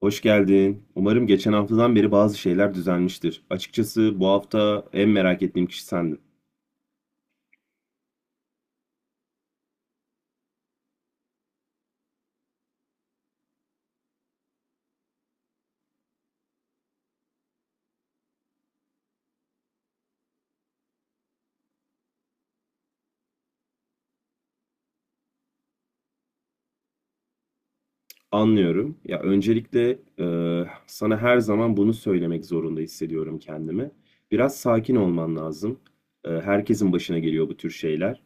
Hoş geldin. Umarım geçen haftadan beri bazı şeyler düzelmiştir. Açıkçası bu hafta en merak ettiğim kişi sendin. Anlıyorum. Ya öncelikle sana her zaman bunu söylemek zorunda hissediyorum kendimi. Biraz sakin olman lazım. Herkesin başına geliyor bu tür şeyler.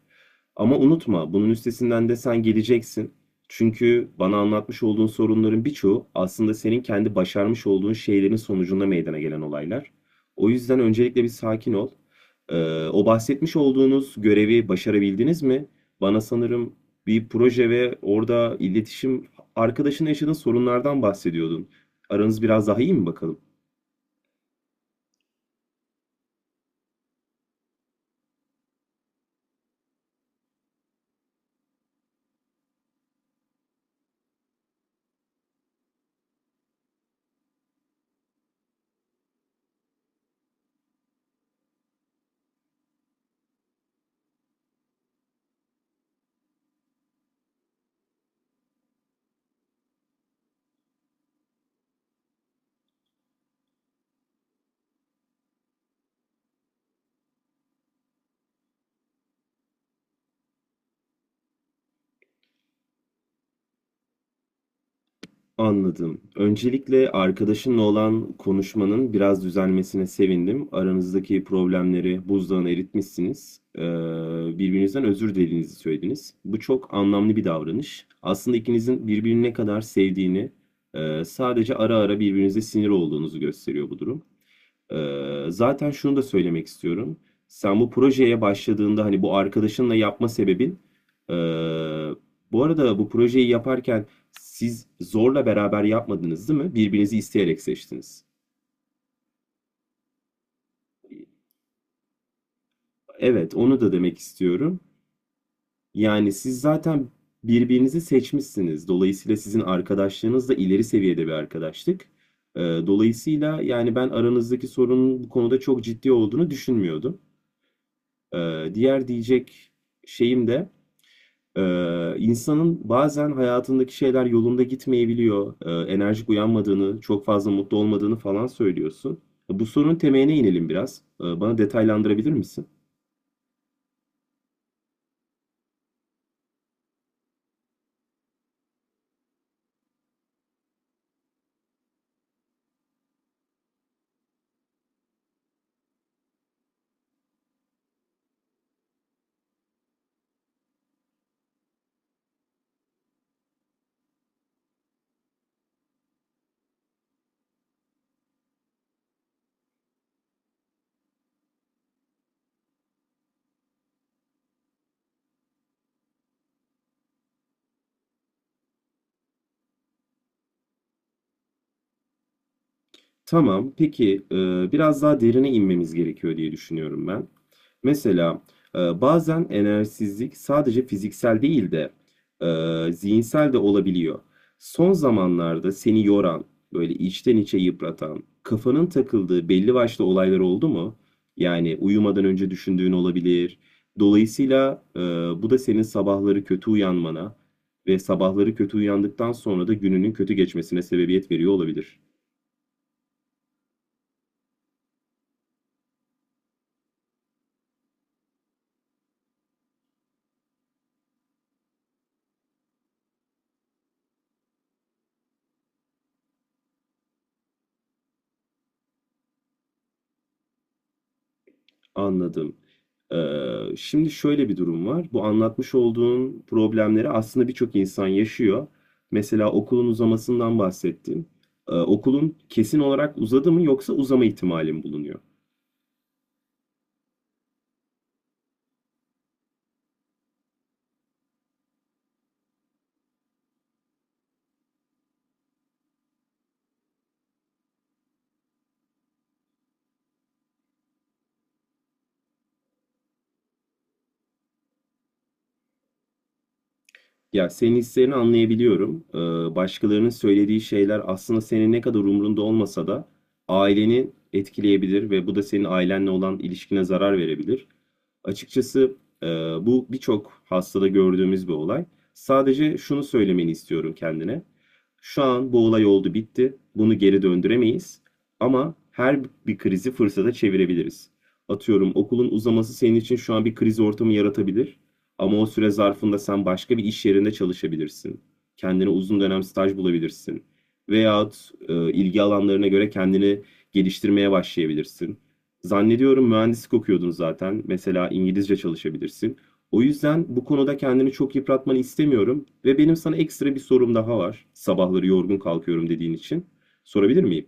Ama unutma, bunun üstesinden de sen geleceksin. Çünkü bana anlatmış olduğun sorunların birçoğu aslında senin kendi başarmış olduğun şeylerin sonucunda meydana gelen olaylar. O yüzden öncelikle bir sakin ol. O bahsetmiş olduğunuz görevi başarabildiniz mi? Bana sanırım bir proje ve orada iletişim arkadaşınla yaşadığın sorunlardan bahsediyordun. Aranız biraz daha iyi mi bakalım? Anladım. Öncelikle arkadaşınla olan konuşmanın biraz düzelmesine sevindim. Aranızdaki problemleri buzdağına eritmişsiniz. Birbirinizden özür dilediğinizi söylediniz. Bu çok anlamlı bir davranış. Aslında ikinizin birbirini ne kadar sevdiğini, sadece ara ara birbirinize sinir olduğunuzu gösteriyor bu durum. Zaten şunu da söylemek istiyorum. Sen bu projeye başladığında hani bu arkadaşınla yapma sebebin ee, bu arada bu projeyi yaparken siz zorla beraber yapmadınız değil mi? Birbirinizi isteyerek seçtiniz. Evet, onu da demek istiyorum. Yani siz zaten birbirinizi seçmişsiniz. Dolayısıyla sizin arkadaşlığınız da ileri seviyede bir arkadaşlık. Dolayısıyla yani ben aranızdaki sorunun bu konuda çok ciddi olduğunu düşünmüyordum. Diğer diyecek şeyim de insanın bazen hayatındaki şeyler yolunda gitmeyebiliyor. Enerjik uyanmadığını, çok fazla mutlu olmadığını falan söylüyorsun. Bu sorunun temeline inelim biraz. Bana detaylandırabilir misin? Tamam. Peki biraz daha derine inmemiz gerekiyor diye düşünüyorum ben. Mesela bazen enerjisizlik sadece fiziksel değil de zihinsel de olabiliyor. Son zamanlarda seni yoran, böyle içten içe yıpratan, kafanın takıldığı belli başlı olaylar oldu mu? Yani uyumadan önce düşündüğün olabilir. Dolayısıyla bu da senin sabahları kötü uyanmana ve sabahları kötü uyandıktan sonra da gününün kötü geçmesine sebebiyet veriyor olabilir. Anladım. Şimdi şöyle bir durum var. Bu anlatmış olduğun problemleri aslında birçok insan yaşıyor. Mesela okulun uzamasından bahsettin. Okulun kesin olarak uzadı mı yoksa uzama ihtimali mi bulunuyor? Ya senin hislerini anlayabiliyorum. Başkalarının söylediği şeyler aslında senin ne kadar umrunda olmasa da aileni etkileyebilir ve bu da senin ailenle olan ilişkine zarar verebilir. Açıkçası e, bu birçok hastada gördüğümüz bir olay. Sadece şunu söylemeni istiyorum kendine. Şu an bu olay oldu bitti. Bunu geri döndüremeyiz. Ama her bir krizi fırsata çevirebiliriz. Atıyorum okulun uzaması senin için şu an bir kriz ortamı yaratabilir. Ama o süre zarfında sen başka bir iş yerinde çalışabilirsin. Kendine uzun dönem staj bulabilirsin. Veyahut ilgi alanlarına göre kendini geliştirmeye başlayabilirsin. Zannediyorum mühendislik okuyordun zaten. Mesela İngilizce çalışabilirsin. O yüzden bu konuda kendini çok yıpratmanı istemiyorum ve benim sana ekstra bir sorum daha var. Sabahları yorgun kalkıyorum dediğin için. Sorabilir miyim?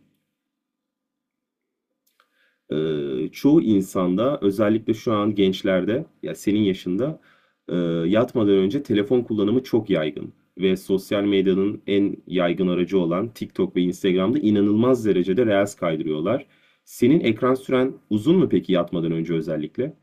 Çoğu insanda özellikle şu an gençlerde ya senin yaşında e, yatmadan önce telefon kullanımı çok yaygın ve sosyal medyanın en yaygın aracı olan TikTok ve Instagram'da inanılmaz derecede reels kaydırıyorlar. Senin ekran süren uzun mu peki yatmadan önce özellikle?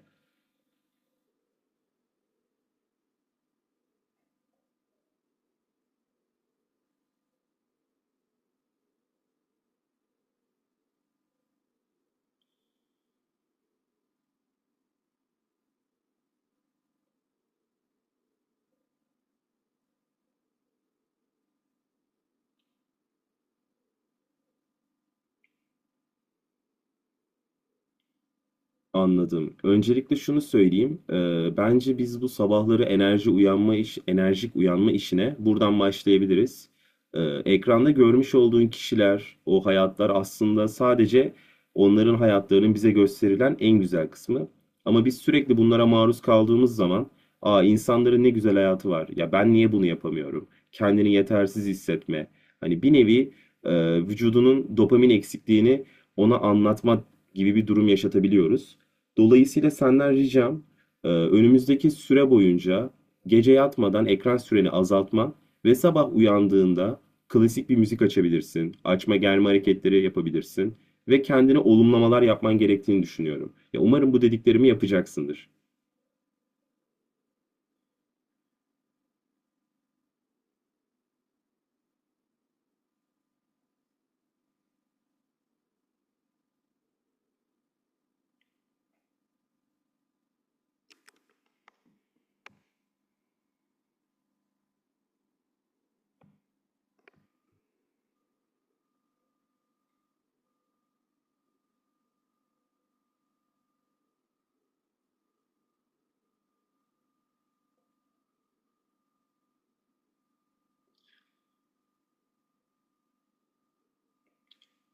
Anladım. Öncelikle şunu söyleyeyim. Bence biz bu sabahları enerjik uyanma işine buradan başlayabiliriz. Ee, Ekranda görmüş olduğun kişiler, o hayatlar aslında sadece onların hayatlarının bize gösterilen en güzel kısmı. Ama biz sürekli bunlara maruz kaldığımız zaman, aa insanların ne güzel hayatı var. Ya ben niye bunu yapamıyorum? Kendini yetersiz hissetme. Hani bir nevi vücudunun dopamin eksikliğini ona anlatma gibi bir durum yaşatabiliyoruz. Dolayısıyla senden ricam önümüzdeki süre boyunca gece yatmadan ekran süreni azaltman ve sabah uyandığında klasik bir müzik açabilirsin, açma germe hareketleri yapabilirsin ve kendine olumlamalar yapman gerektiğini düşünüyorum. Ya umarım bu dediklerimi yapacaksındır.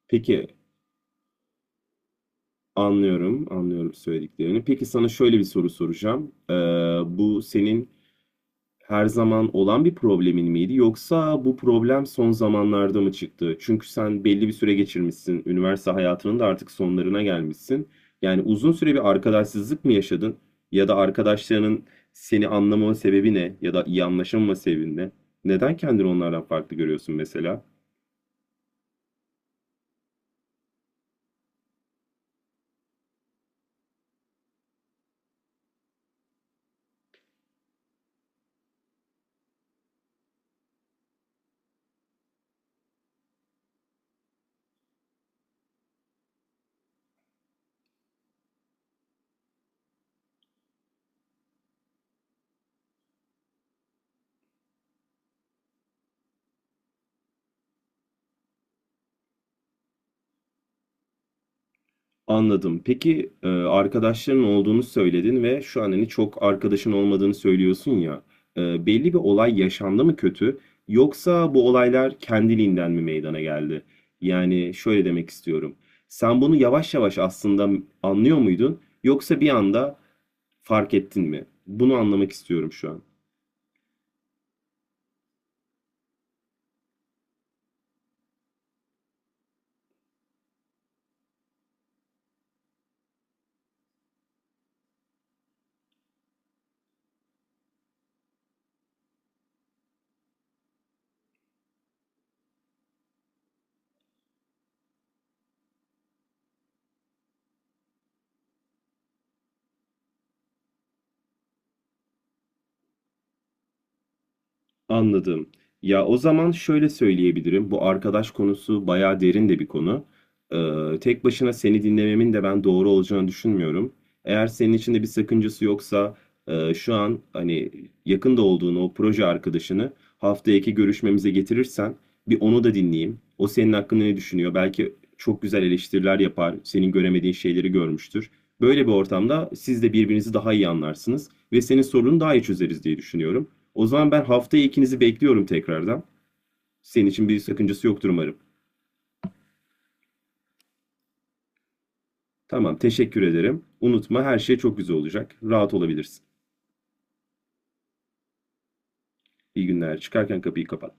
Peki anlıyorum, anlıyorum söylediklerini. Peki sana şöyle bir soru soracağım. Bu senin her zaman olan bir problemin miydi yoksa bu problem son zamanlarda mı çıktı? Çünkü sen belli bir süre geçirmişsin, üniversite hayatının da artık sonlarına gelmişsin. Yani uzun süre bir arkadaşsızlık mı yaşadın ya da arkadaşlarının seni anlamama sebebi ne ya da iyi anlaşamama sebebi ne? Neden kendini onlardan farklı görüyorsun mesela? Anladım. Peki arkadaşların olduğunu söyledin ve şu an hani çok arkadaşın olmadığını söylüyorsun ya. Belli bir olay yaşandı mı kötü yoksa bu olaylar kendiliğinden mi meydana geldi? Yani şöyle demek istiyorum. Sen bunu yavaş yavaş aslında anlıyor muydun yoksa bir anda fark ettin mi? Bunu anlamak istiyorum şu an. Anladım. Ya o zaman şöyle söyleyebilirim. Bu arkadaş konusu bayağı derin de bir konu. Tek başına seni dinlememin de ben doğru olacağını düşünmüyorum. Eğer senin için de bir sakıncası yoksa şu an hani yakında olduğun o proje arkadaşını haftaya iki görüşmemize getirirsen bir onu da dinleyeyim. O senin hakkında ne düşünüyor? Belki çok güzel eleştiriler yapar, senin göremediğin şeyleri görmüştür. Böyle bir ortamda siz de birbirinizi daha iyi anlarsınız ve senin sorununu daha iyi çözeriz diye düşünüyorum. O zaman ben haftaya ikinizi bekliyorum tekrardan. Senin için bir sakıncası yoktur umarım. Tamam, teşekkür ederim. Unutma her şey çok güzel olacak. Rahat olabilirsin. İyi günler. Çıkarken kapıyı kapat.